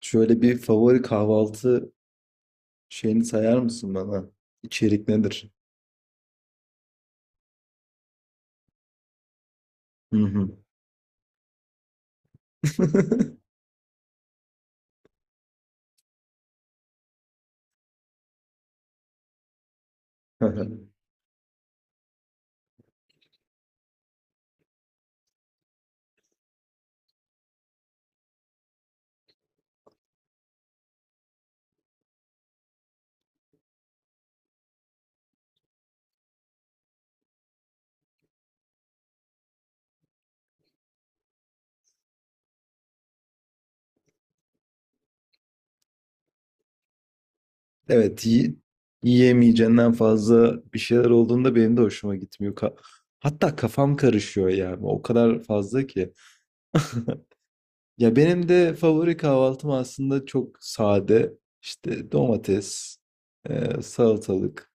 Şöyle bir favori kahvaltı şeyini sayar mısın bana? İçerik nedir? Hı hı. Evet, yiyemeyeceğinden fazla bir şeyler olduğunda benim de hoşuma gitmiyor. Hatta kafam karışıyor yani. O kadar fazla ki. Ya benim de favori kahvaltım aslında çok sade. İşte domates, salatalık.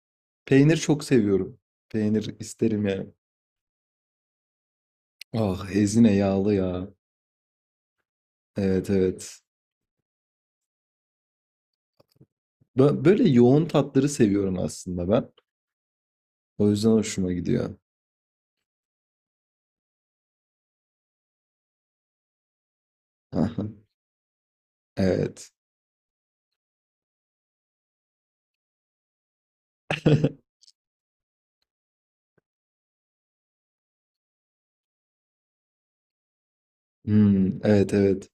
Peynir çok seviyorum. Peynir isterim yani. Ah ezine yağlı ya. Evet evet. Böyle yoğun tatları seviyorum aslında ben. O yüzden hoşuma gidiyor. Evet. Hmm, evet evet.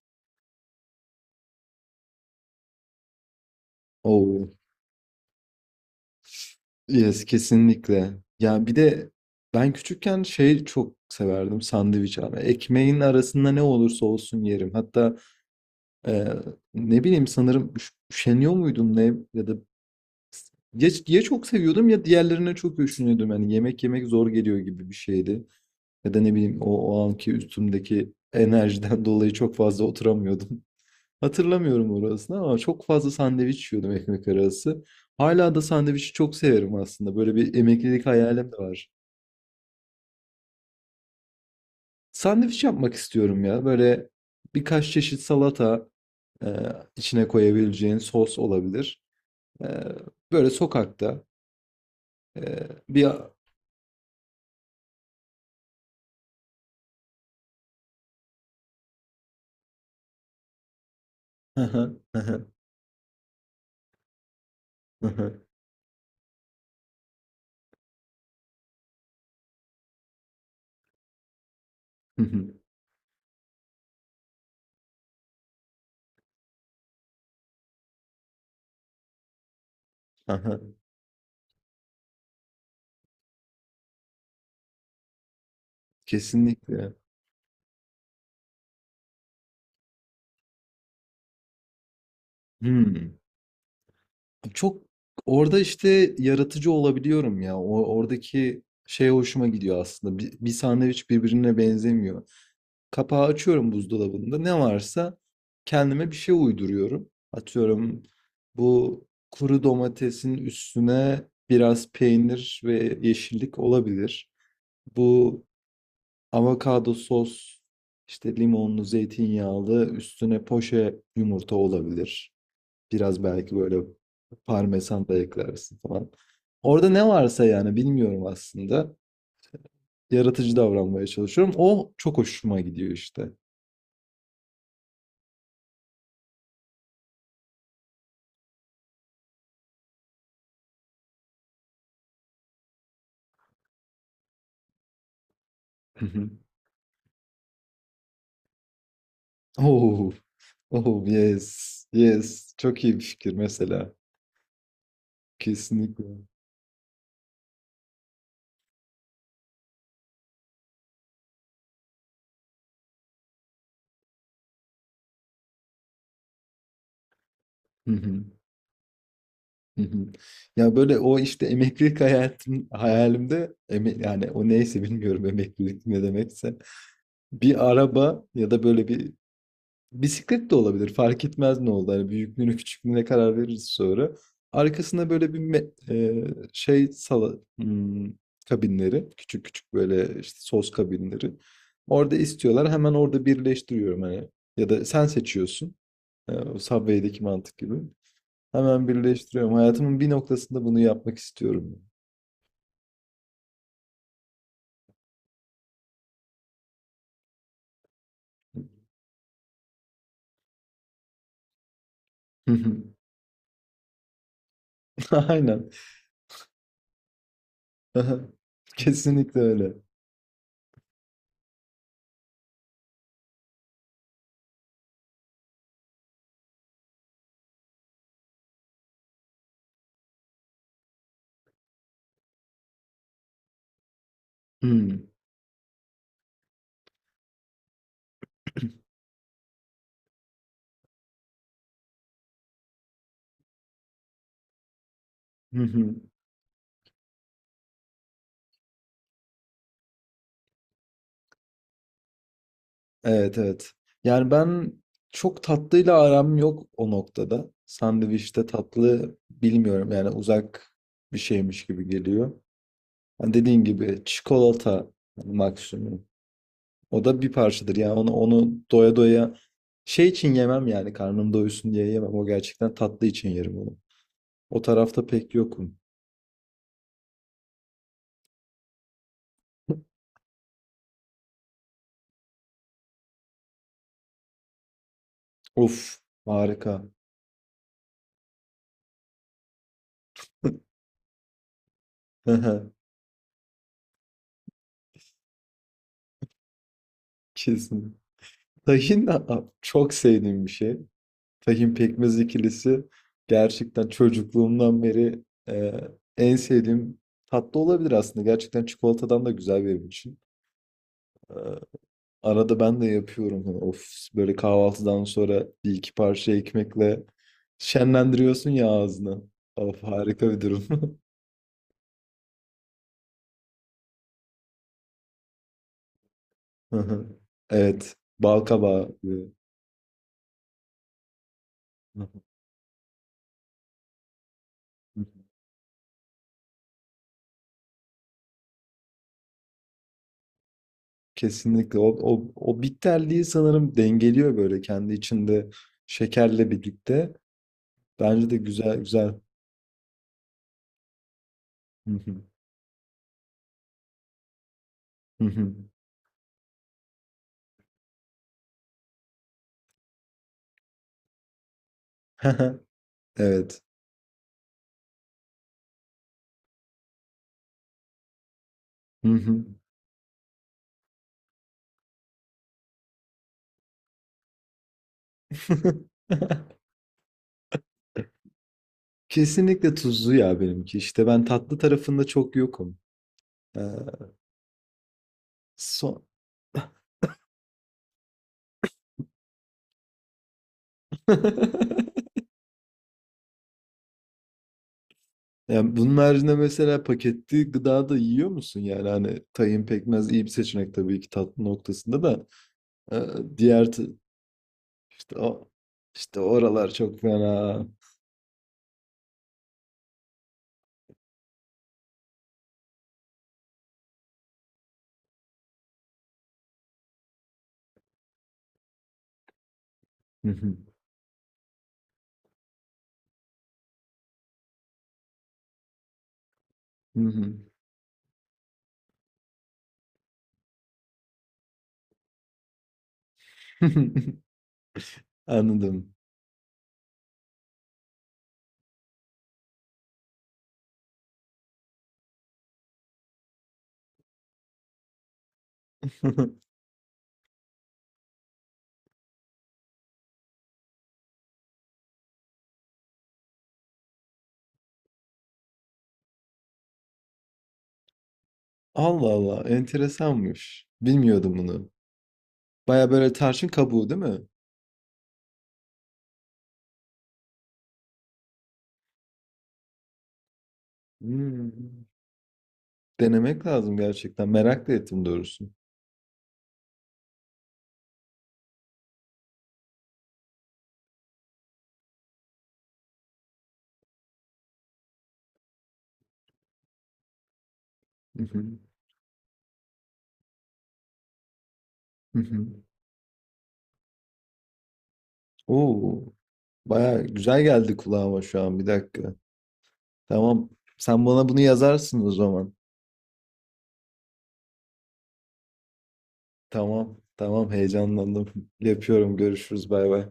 Oh, yes kesinlikle. Ya bir de ben küçükken şey çok severdim sandviç abi. Ekmeğin arasında ne olursa olsun yerim. Hatta e, ne bileyim sanırım üşeniyor muydum ne ya da ya çok seviyordum ya diğerlerine çok üşeniyordum. Yani yemek yemek zor geliyor gibi bir şeydi. Ya da ne bileyim o anki üstümdeki enerjiden dolayı çok fazla oturamıyordum. Hatırlamıyorum orasını ama çok fazla sandviç yiyordum ekmek arası. Hala da sandviçi çok severim aslında. Böyle bir emeklilik hayalim de var. Sandviç yapmak istiyorum ya. Böyle birkaç çeşit salata e, içine koyabileceğin sos olabilir. E, Böyle sokakta bir... Kesinlikle. Hmm. Çok orada işte yaratıcı olabiliyorum ya. Oradaki şey hoşuma gidiyor aslında. Bir sandviç birbirine benzemiyor. Kapağı açıyorum buzdolabında. Ne varsa kendime bir şey uyduruyorum. Atıyorum bu kuru domatesin üstüne biraz peynir ve yeşillik olabilir. Bu avokado sos işte limonlu, zeytinyağlı üstüne poşe yumurta olabilir. Biraz belki böyle parmesan da eklersin falan. Orada ne varsa yani bilmiyorum aslında. Yaratıcı davranmaya çalışıyorum. O çok hoşuma gidiyor işte. Hı hı. Oh, oh yes, yes. Çok iyi bir fikir mesela. Kesinlikle. Hı hı, hı hı. Ya böyle o işte emeklilik hayatım hayalimde yani o neyse bilmiyorum emeklilik ne demekse bir araba ya da böyle bir bisiklet de olabilir. Fark etmez ne oldu. Hani büyüklüğüne küçüklüğüne karar veririz sonra. Arkasına böyle bir şey hmm, kabinleri. Küçük küçük böyle işte sos kabinleri. Orada istiyorlar. Hemen orada birleştiriyorum hani. Ya da sen seçiyorsun. E, o Subway'deki mantık gibi. Hemen birleştiriyorum. Hayatımın bir noktasında bunu yapmak istiyorum. Aynen. Kesinlikle öyle. Hmm. Evet evet. Yani ben çok tatlıyla aram yok o noktada. Sandviçte tatlı bilmiyorum yani uzak bir şeymiş gibi geliyor. Hani dediğin gibi çikolata maksimum. O da bir parçadır yani onu doya doya şey için yemem yani karnım doysun diye yemem. O gerçekten tatlı için yerim onu. O tarafta pek yokum. Of harika. Kesin. Tahin çok sevdiğim bir şey. Tahin pekmez ikilisi gerçekten çocukluğumdan beri e, en sevdiğim tatlı olabilir aslında. Gerçekten çikolatadan da güzel benim için. E, arada ben de yapıyorum. Hani of böyle kahvaltıdan sonra bir iki parça ekmekle şenlendiriyorsun ya ağzını. Of harika bir durum. Hı hı. Evet. Balkabağı. Kesinlikle. O bitterliği sanırım dengeliyor böyle kendi içinde şekerle birlikte. Bence de güzel güzel. Hı hı. Hı hı. Evet. Hı hı. Kesinlikle tuzlu ya benimki. İşte ben tatlı tarafında çok yokum. Ee, son. Yani bunun haricinde mesela paketli gıda da yiyor musun? Yani hani tahin pekmez iyi bir seçenek tabii ki tatlı noktasında da ee, diğer t- işte o işte oralar çok fena. Hı hı. Hı hı. Anladım. Allah Allah enteresanmış. Bilmiyordum bunu. Baya böyle tarçın kabuğu değil mi? Hmm. Denemek lazım gerçekten. Merak da ettim doğrusu. Hı hı. Hı hı. Oo, baya güzel geldi kulağıma şu an. Bir dakika. Tamam. Sen bana bunu yazarsın o zaman. Tamam. Tamam heyecanlandım. Yapıyorum. Görüşürüz. Bay bay.